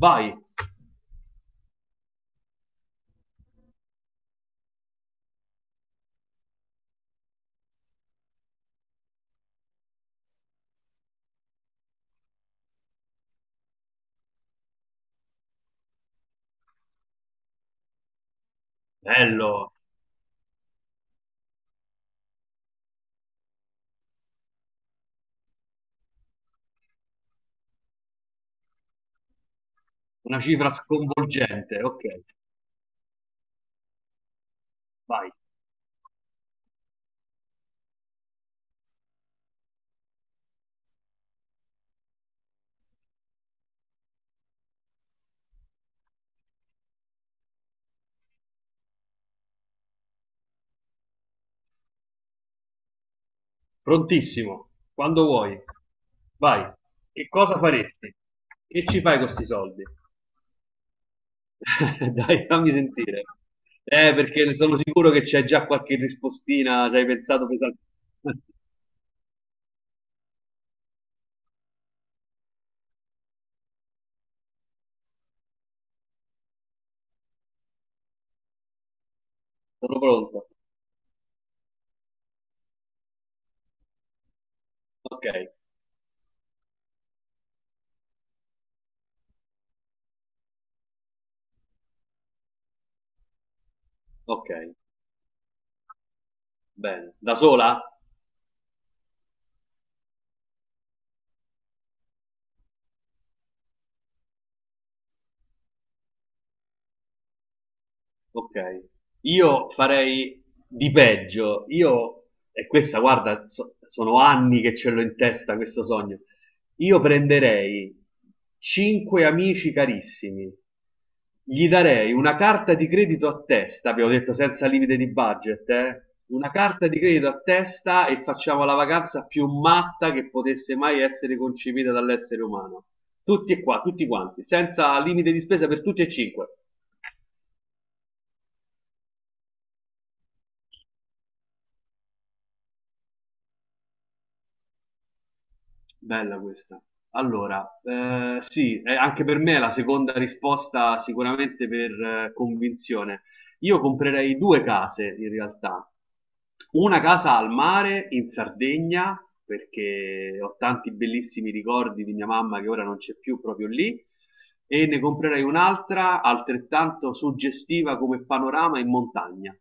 Vai, bello, una cifra sconvolgente. Ok, vai, prontissimo, quando vuoi. Vai, che cosa faresti? Che ci fai con questi soldi? Dai, fammi sentire. Perché ne sono sicuro che c'è già qualche rispostina, ci hai pensato pesante. Sono pronto. Ok, ok, bene. Da sola? Ok, io farei di peggio. Io, e questa, guarda, sono anni che ce l'ho in testa questo sogno. Io prenderei cinque amici carissimi, gli darei una carta di credito a testa, abbiamo detto senza limite di budget, eh? Una carta di credito a testa e facciamo la vacanza più matta che potesse mai essere concepita dall'essere umano. Tutti e qua, tutti quanti, senza limite di spesa per tutti e cinque. Bella questa. Allora, sì, anche per me è la seconda risposta sicuramente per convinzione. Io comprerei due case in realtà. Una casa al mare in Sardegna, perché ho tanti bellissimi ricordi di mia mamma che ora non c'è più proprio lì, e ne comprerei un'altra altrettanto suggestiva come panorama in montagna.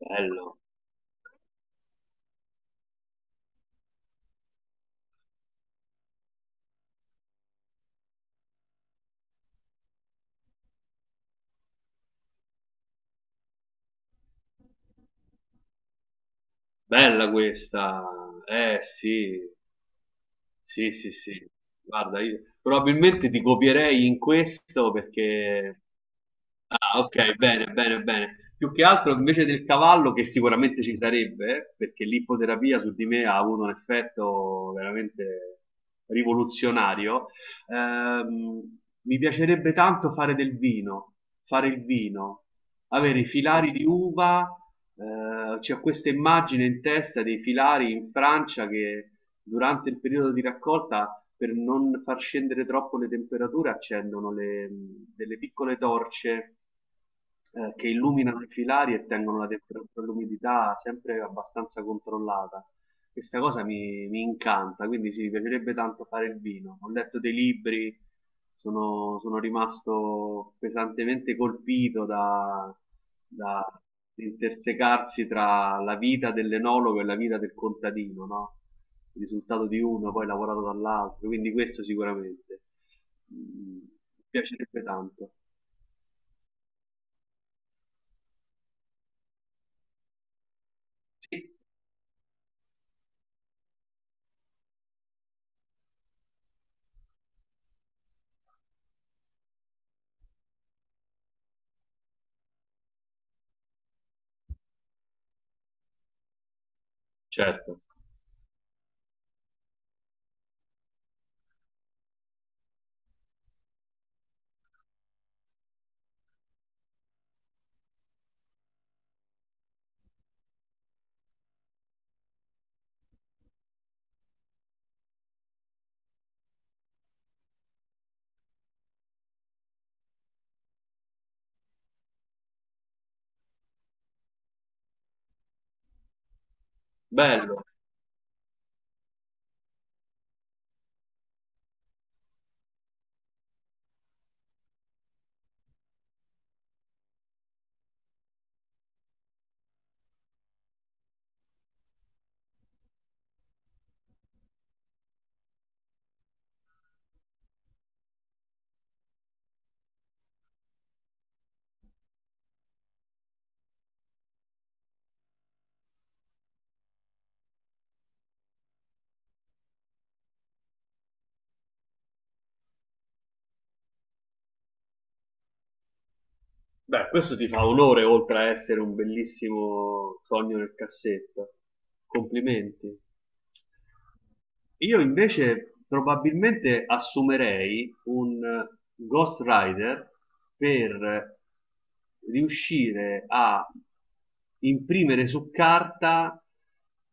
Bello, bella questa. Eh sì, sì, sì, sì. Guarda, io probabilmente ti copierei in questo perché... Ah, ok, bene, bene, bene. Più che altro invece del cavallo, che sicuramente ci sarebbe, perché l'ippoterapia su di me ha avuto un effetto veramente rivoluzionario, mi piacerebbe tanto fare del vino, fare il vino, avere i filari di uva, c'è questa immagine in testa dei filari in Francia che durante il periodo di raccolta per non far scendere troppo le temperature accendono delle piccole torce che illuminano i filari e tengono la temperatura e l'umidità sempre abbastanza controllata. Questa cosa mi incanta, quindi sì, mi piacerebbe tanto fare il vino. Ho letto dei libri, sono rimasto pesantemente colpito da, da intersecarsi tra la vita dell'enologo e la vita del contadino, no? Il risultato di uno poi lavorato dall'altro, quindi questo sicuramente. Mm, mi piacerebbe tanto. Sì, certo. Bello. Beh, questo ti fa onore oltre a essere un bellissimo sogno nel cassetto. Complimenti. Io invece probabilmente assumerei un Ghost Rider per riuscire a imprimere su carta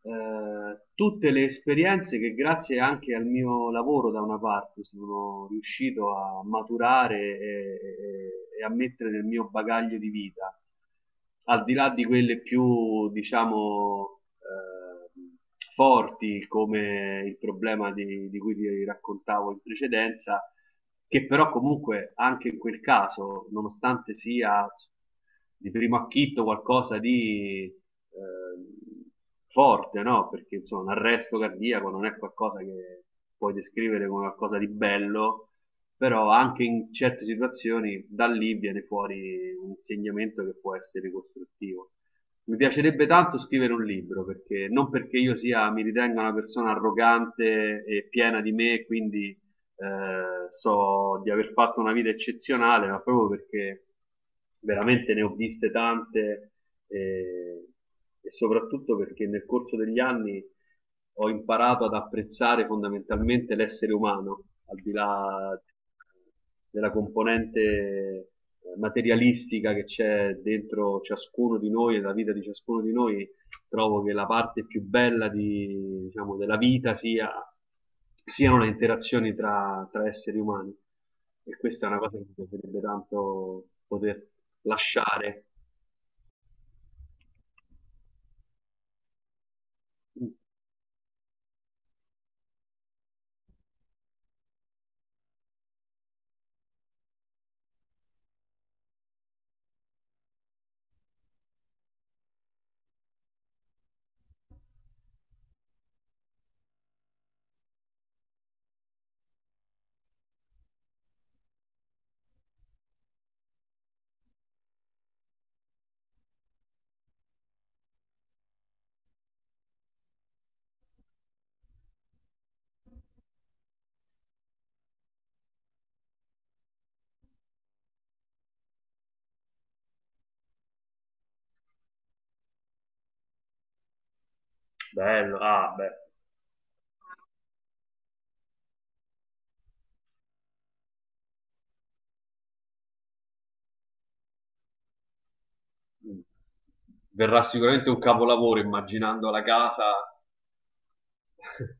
tutte le esperienze che grazie anche al mio lavoro da una parte sono riuscito a maturare e a mettere nel mio bagaglio di vita, al di là di quelle più, diciamo, forti come il problema di cui ti raccontavo in precedenza che però comunque anche in quel caso, nonostante sia di primo acchito qualcosa di forte, no? Perché insomma un arresto cardiaco non è qualcosa che puoi descrivere come qualcosa di bello, però anche in certe situazioni da lì viene fuori un insegnamento che può essere costruttivo. Mi piacerebbe tanto scrivere un libro, perché non perché io sia, mi ritenga una persona arrogante e piena di me, quindi so di aver fatto una vita eccezionale, ma proprio perché veramente ne ho viste tante eh, e soprattutto perché nel corso degli anni ho imparato ad apprezzare fondamentalmente l'essere umano, al di là della componente materialistica che c'è dentro ciascuno di noi e la vita di ciascuno di noi, trovo che la parte più bella di, diciamo, della vita sia, siano le interazioni tra, tra esseri umani. E questa è una cosa che mi piacerebbe tanto poter lasciare. Mm, bello, ah, beh. Mm. Verrà sicuramente un capolavoro immaginando la casa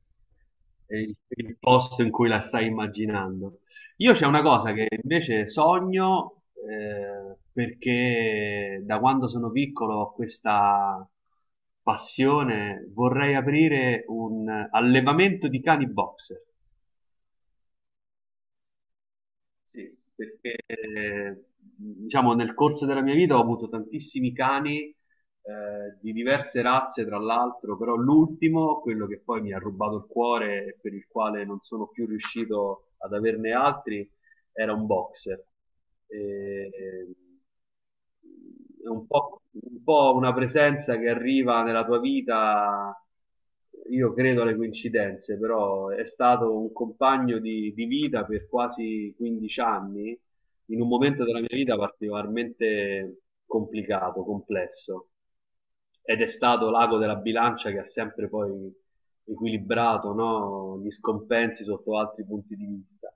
è il posto in cui la stai immaginando. Io c'è una cosa che invece sogno perché da quando sono piccolo ho questa passione, vorrei aprire un allevamento di cani boxer. Sì, perché diciamo nel corso della mia vita ho avuto tantissimi cani di diverse razze, tra l'altro, però l'ultimo, quello che poi mi ha rubato il cuore e per il quale non sono più riuscito ad averne altri, era un boxer. E- è un po' una presenza che arriva nella tua vita, io credo alle coincidenze, però è stato un compagno di vita per quasi 15 anni, in un momento della mia vita particolarmente complicato, complesso. Ed è stato l'ago della bilancia che ha sempre poi equilibrato no? Gli scompensi sotto altri punti di vista,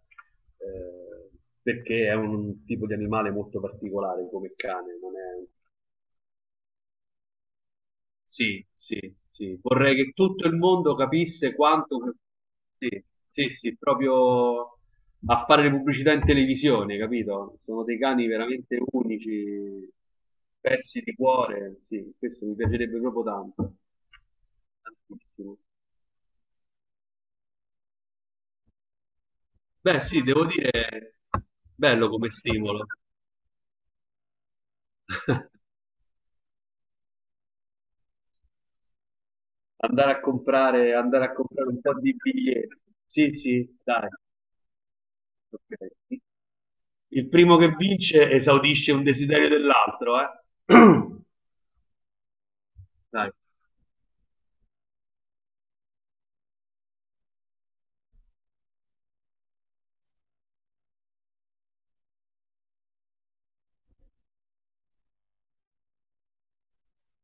eh, perché è un tipo di animale molto particolare come cane. Non è... un- Sì, sì, sì. Vorrei che tutto il mondo capisse quanto... Sì, sì, sì, proprio a fare le pubblicità in televisione, capito? Sono dei cani veramente unici, pezzi di cuore, sì, questo mi piacerebbe proprio tanto, tantissimo. Beh, sì, devo dire, bello come stimolo. Andare a comprare un po' di biglietti. Sì, sì, dai. Ok. Il primo che vince esaudisce un desiderio dell'altro, eh? Dai,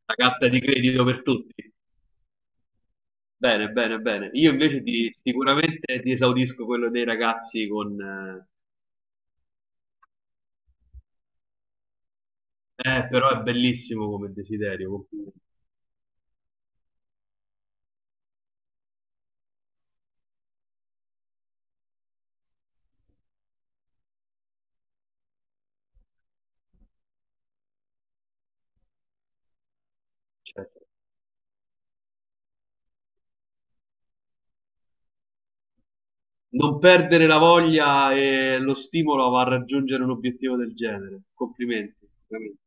la carta di credito per tutti. Bene, bene, bene. Io invece ti, sicuramente ti esaudisco quello dei ragazzi con... però è bellissimo come desiderio. Complimenti. Cioè, non perdere la voglia e lo stimolo a raggiungere un obiettivo del genere. Complimenti, veramente.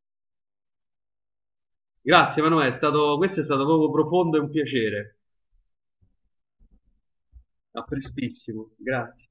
Grazie Emanuele, questo è stato proprio profondo e un piacere. A prestissimo, grazie.